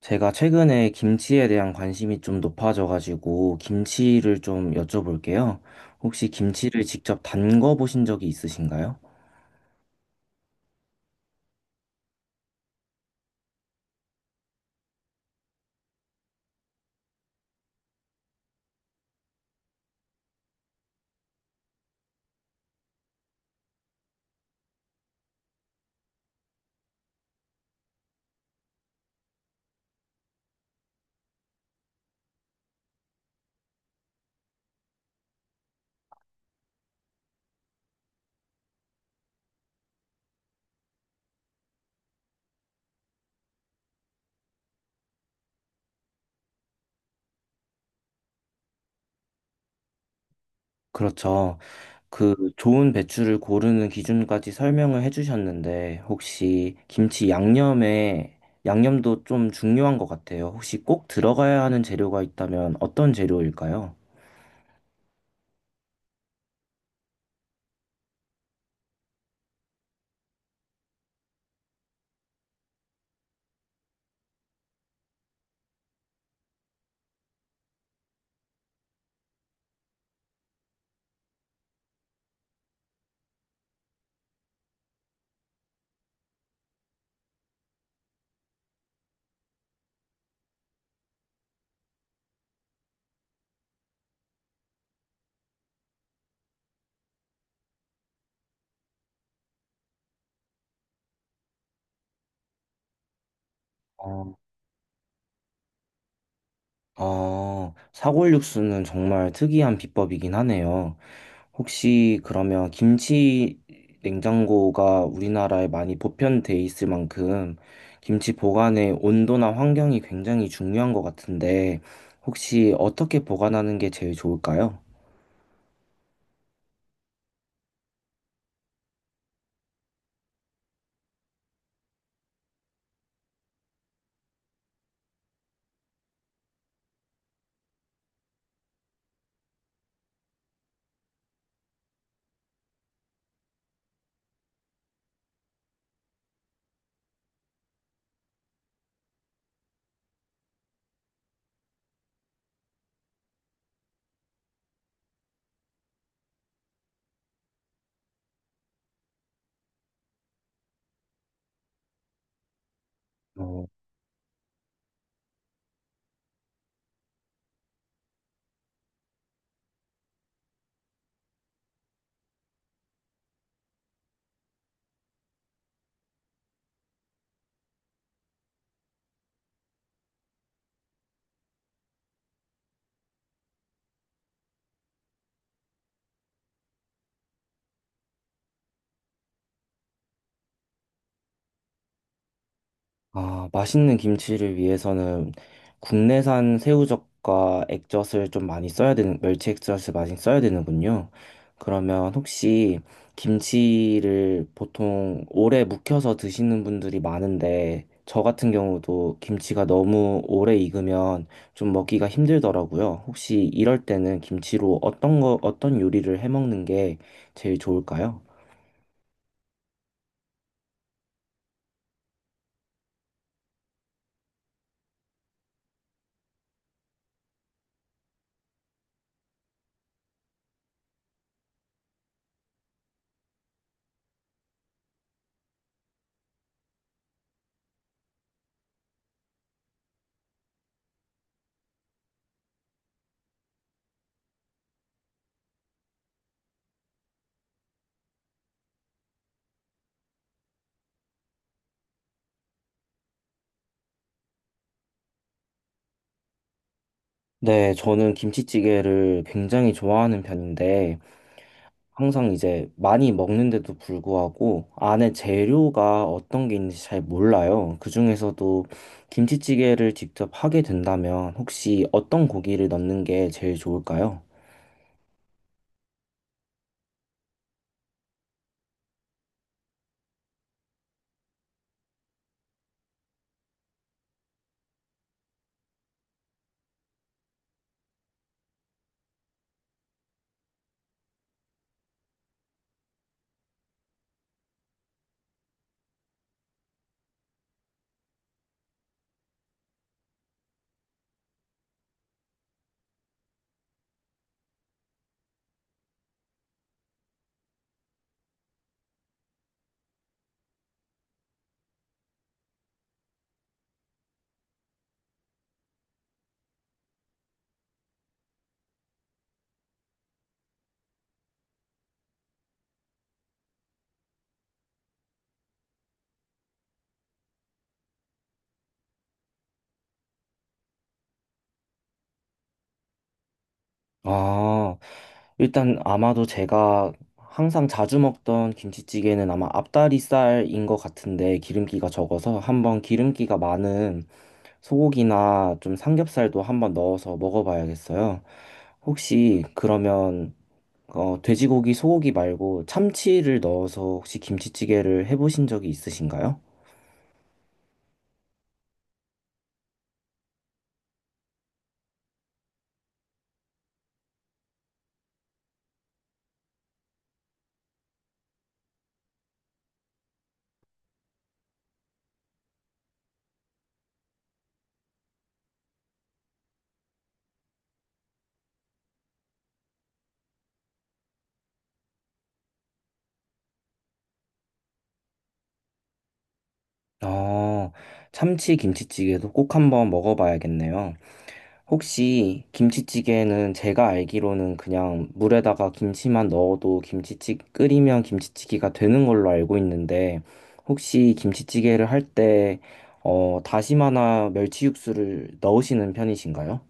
제가 최근에 김치에 대한 관심이 좀 높아져가지고 김치를 좀 여쭤볼게요. 혹시 김치를 직접 담궈 보신 적이 있으신가요? 그렇죠. 그 좋은 배추를 고르는 기준까지 설명을 해주셨는데 혹시 김치 양념에 양념도 좀 중요한 것 같아요. 혹시 꼭 들어가야 하는 재료가 있다면 어떤 재료일까요? 어, 사골육수는 정말 특이한 비법이긴 하네요. 혹시 그러면 김치 냉장고가 우리나라에 많이 보편돼 있을 만큼 김치 보관의 온도나 환경이 굉장히 중요한 것 같은데 혹시 어떻게 보관하는 게 제일 좋을까요? 어, 아, 맛있는 김치를 위해서는 국내산 새우젓과 액젓을 좀 많이 써야 되는, 멸치 액젓을 많이 써야 되는군요. 그러면 혹시 김치를 보통 오래 묵혀서 드시는 분들이 많은데, 저 같은 경우도 김치가 너무 오래 익으면 좀 먹기가 힘들더라고요. 혹시 이럴 때는 김치로 어떤 거, 어떤 요리를 해 먹는 게 제일 좋을까요? 네, 저는 김치찌개를 굉장히 좋아하는 편인데, 항상 이제 많이 먹는데도 불구하고 안에 재료가 어떤 게 있는지 잘 몰라요. 그중에서도 김치찌개를 직접 하게 된다면 혹시 어떤 고기를 넣는 게 제일 좋을까요? 아, 일단 아마도 제가 항상 자주 먹던 김치찌개는 아마 앞다리살인 것 같은데 기름기가 적어서 한번 기름기가 많은 소고기나 좀 삼겹살도 한번 넣어서 먹어봐야겠어요. 혹시 그러면 돼지고기, 소고기 말고 참치를 넣어서 혹시 김치찌개를 해보신 적이 있으신가요? 아... 참치 김치찌개도 꼭 한번 먹어봐야겠네요. 혹시 김치찌개는 제가 알기로는 그냥 물에다가 김치만 넣어도 김치찌, 끓이면 김치찌개가 되는 걸로 알고 있는데, 혹시 김치찌개를 할 때, 다시마나 멸치 육수를 넣으시는 편이신가요?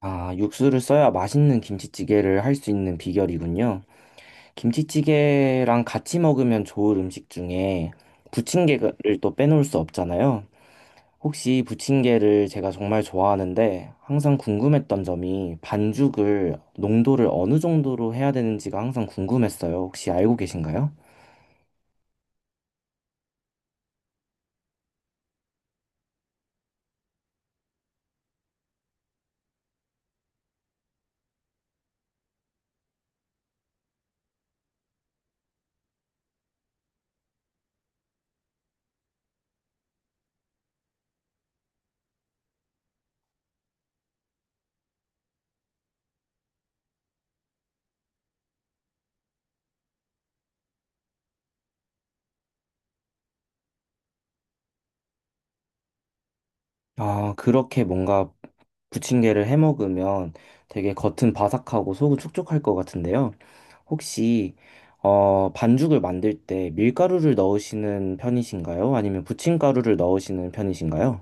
아, 육수를 써야 맛있는 김치찌개를 할 수 있는 비결이군요. 김치찌개랑 같이 먹으면 좋을 음식 중에 부침개를 또 빼놓을 수 없잖아요. 혹시 부침개를 제가 정말 좋아하는데 항상 궁금했던 점이 반죽을 농도를 어느 정도로 해야 되는지가 항상 궁금했어요. 혹시 알고 계신가요? 아, 그렇게 뭔가 부침개를 해 먹으면 되게 겉은 바삭하고 속은 촉촉할 것 같은데요. 혹시 반죽을 만들 때 밀가루를 넣으시는 편이신가요? 아니면 부침가루를 넣으시는 편이신가요?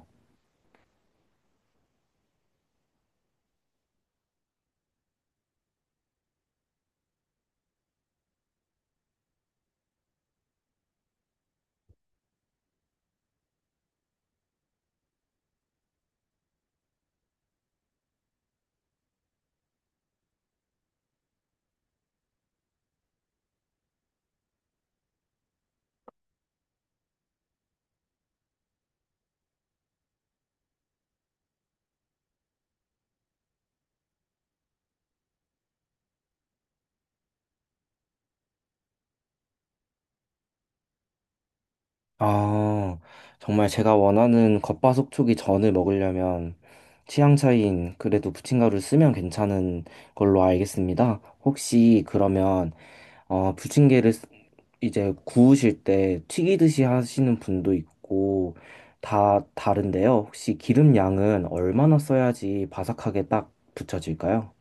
아, 정말 제가 원하는 겉바속촉이 전을 먹으려면 취향 차이인 그래도 부침가루를 쓰면 괜찮은 걸로 알겠습니다. 혹시 그러면 부침개를 이제 구우실 때 튀기듯이 하시는 분도 있고 다 다른데요. 혹시 기름 양은 얼마나 써야지 바삭하게 딱 붙여질까요?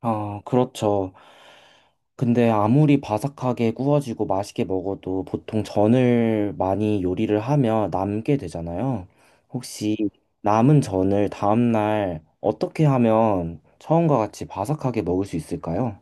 아, 그렇죠. 근데 아무리 바삭하게 구워지고 맛있게 먹어도 보통 전을 많이 요리를 하면 남게 되잖아요. 혹시 남은 전을 다음날 어떻게 하면 처음과 같이 바삭하게 먹을 수 있을까요?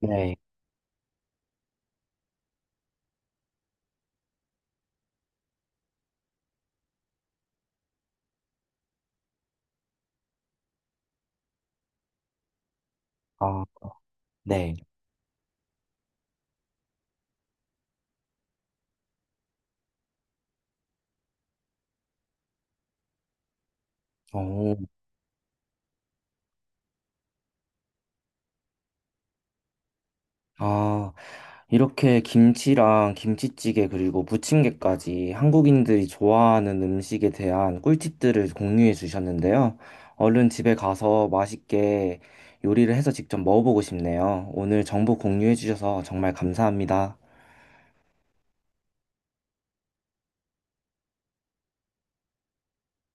네. 아, 네. 어, 아, 이렇게 김치랑 김치찌개 그리고 부침개까지 한국인들이 좋아하는 음식에 대한 꿀팁들을 공유해 주셨는데요. 얼른 집에 가서 맛있게 요리를 해서 직접 먹어보고 싶네요. 오늘 정보 공유해 주셔서 정말 감사합니다.